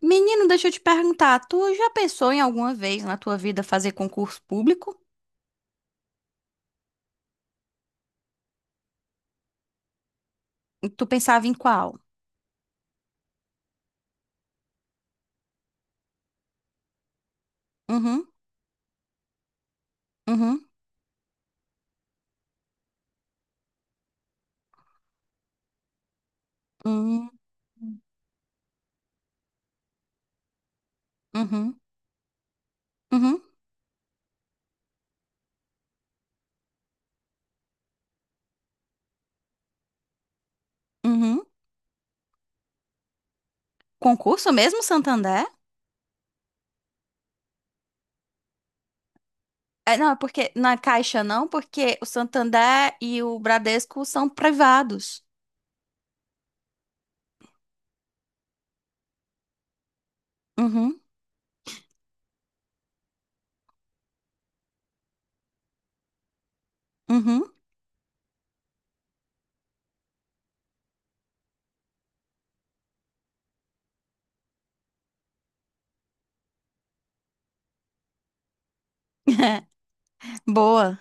Menino, deixa eu te perguntar, tu já pensou em alguma vez na tua vida fazer concurso público? E tu pensava em qual? Uhum, uhum, uhum, uhum, uhum, uhum. Concurso mesmo, Santander? Não, é porque na Caixa não, porque o Santander e o Bradesco são privados. Uhum, uhum. Boa.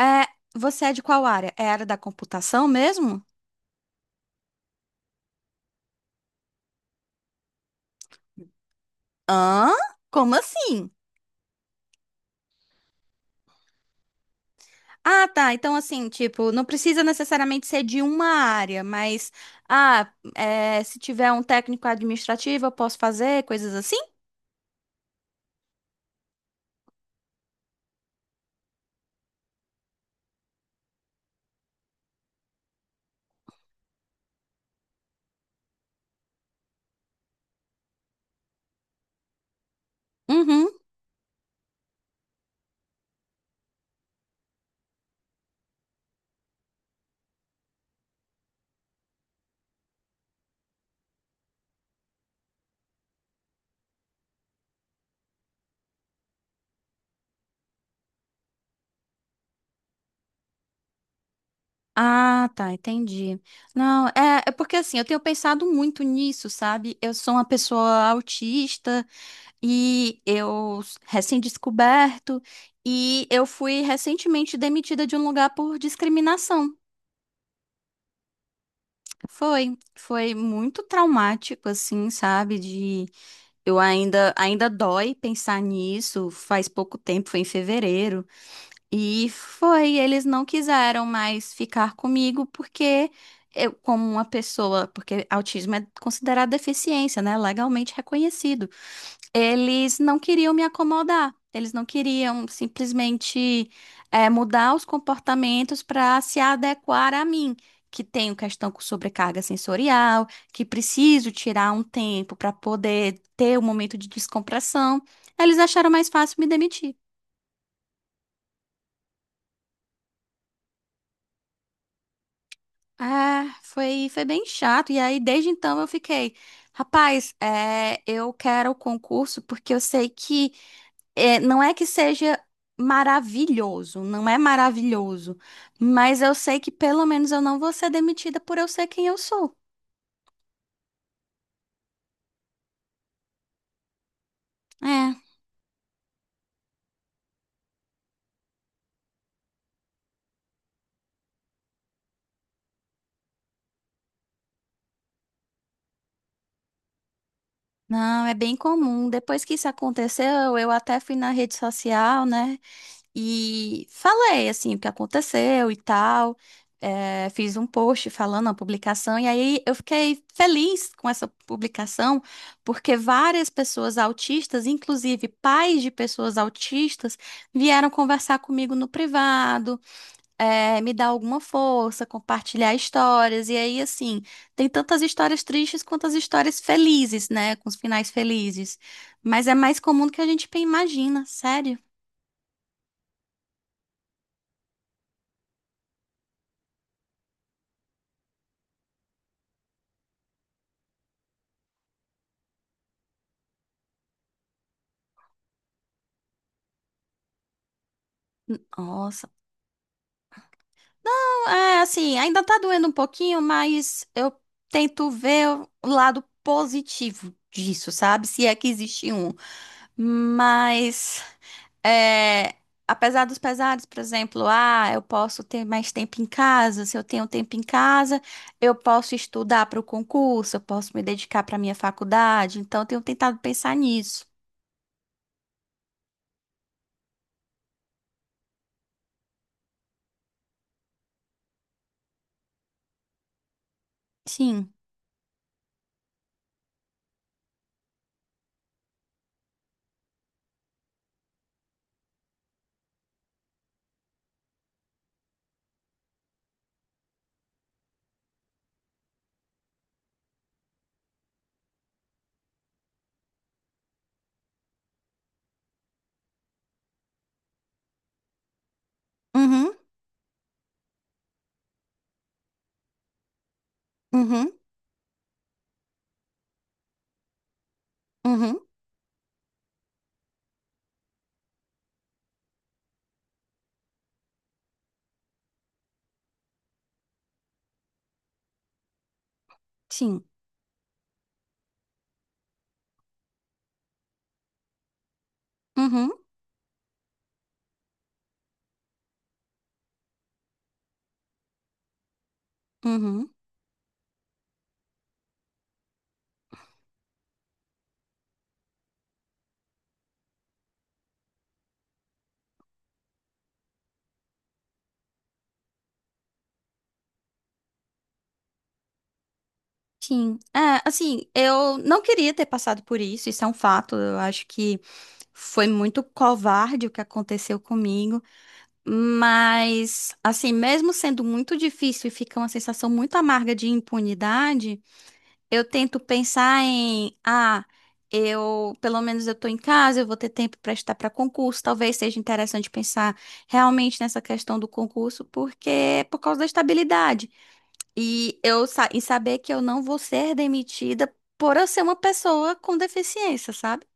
É, você é de qual área? É a área da computação mesmo? Hã? Como assim? Ah, tá. Então, assim, tipo, não precisa necessariamente ser de uma área, mas, se tiver um técnico administrativo, eu posso fazer coisas assim? Uhum. Ah, tá, entendi. Não, é, é porque assim, eu tenho pensado muito nisso, sabe? Eu sou uma pessoa autista e recém-descoberto, e eu fui recentemente demitida de um lugar por discriminação. Foi muito traumático, assim, sabe? De eu ainda dói pensar nisso. Faz pouco tempo, foi em fevereiro. E foi, eles não quiseram mais ficar comigo porque eu, como uma pessoa, porque autismo é considerado deficiência, né? Legalmente reconhecido, eles não queriam me acomodar. Eles não queriam simplesmente mudar os comportamentos para se adequar a mim, que tenho questão com sobrecarga sensorial, que preciso tirar um tempo para poder ter um momento de descompressão. Eles acharam mais fácil me demitir. Foi bem chato. E aí, desde então, eu fiquei, rapaz, eu quero o concurso porque eu sei que. Não é que seja maravilhoso, não é maravilhoso, mas eu sei que pelo menos eu não vou ser demitida por eu ser quem eu sou. É, não, é bem comum. Depois que isso aconteceu, eu até fui na rede social, né? E falei, assim, o que aconteceu e tal. É, fiz um post falando a publicação, e aí eu fiquei feliz com essa publicação, porque várias pessoas autistas, inclusive pais de pessoas autistas, vieram conversar comigo no privado, me dar alguma força, compartilhar histórias. E aí, assim, tem tantas histórias tristes quanto as histórias felizes, né? Com os finais felizes. Mas é mais comum do que a gente imagina, sério. Nossa. É, assim, ainda tá doendo um pouquinho, mas eu tento ver o lado positivo disso, sabe? Se é que existe um. Mas, é, apesar dos pesares, por exemplo, ah, eu posso ter mais tempo em casa. Se eu tenho tempo em casa, eu posso estudar para o concurso, eu posso me dedicar para minha faculdade. Então, eu tenho tentado pensar nisso. Sim. Uhum, uhum, uhum, sim. Uhum, uhum. Sim, assim, eu não queria ter passado por isso, isso é um fato. Eu acho que foi muito covarde o que aconteceu comigo, mas, assim, mesmo sendo muito difícil e fica uma sensação muito amarga de impunidade, eu tento pensar em, ah, eu, pelo menos eu tô em casa, eu vou ter tempo para estudar para concurso, talvez seja interessante pensar realmente nessa questão do concurso, porque é por causa da estabilidade. E e saber que eu não vou ser demitida por eu ser uma pessoa com deficiência, sabe?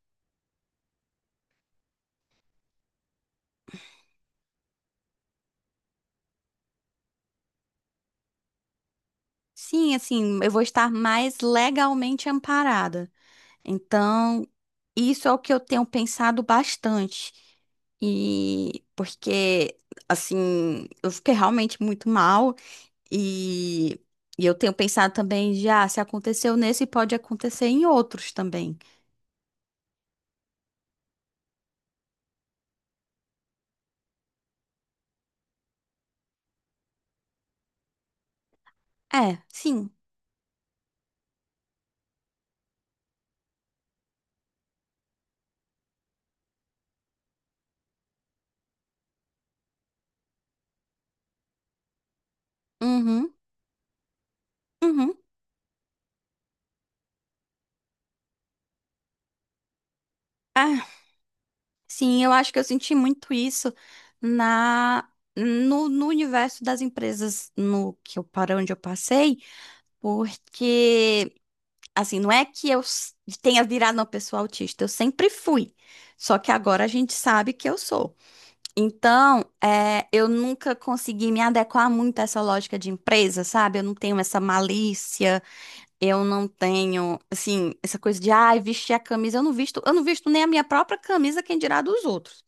Sim, assim, eu vou estar mais legalmente amparada. Então, isso é o que eu tenho pensado bastante. E porque, assim, eu fiquei realmente muito mal. E, e eu tenho pensado também, já, se aconteceu nesse, pode acontecer em outros também. É, sim. Uhum, uhum. É. Sim, eu acho que eu senti muito isso na no universo das empresas no que eu para onde eu passei, porque assim, não é que tenha virado uma pessoa autista, eu sempre fui. Só que agora a gente sabe que eu sou. Então, eu nunca consegui me adequar muito a essa lógica de empresa, sabe? Eu não tenho essa malícia, eu não tenho, assim, essa coisa de, ai, vestir a camisa, eu não visto nem a minha própria camisa, quem dirá dos outros.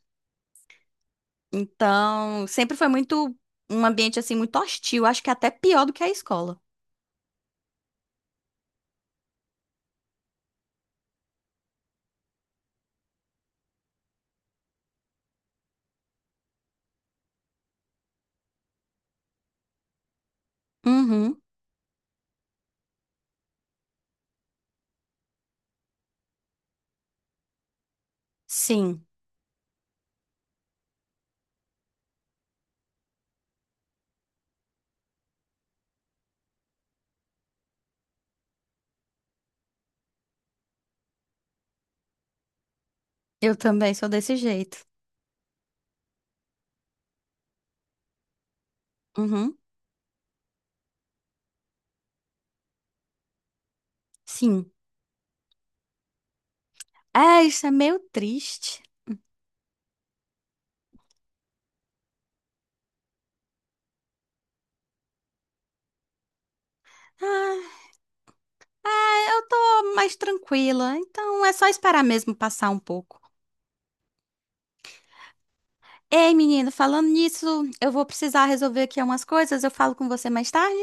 Então, sempre foi muito um ambiente assim muito hostil, acho que é até pior do que a escola. Uhum. Sim, eu também sou desse jeito. Uhum. Sim. É, isso é meio triste. Ah, eu tô mais tranquila, então é só esperar mesmo passar um pouco. Ei, menino, falando nisso, eu vou precisar resolver aqui umas coisas, eu falo com você mais tarde?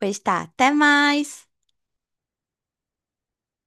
Pois tá, até mais.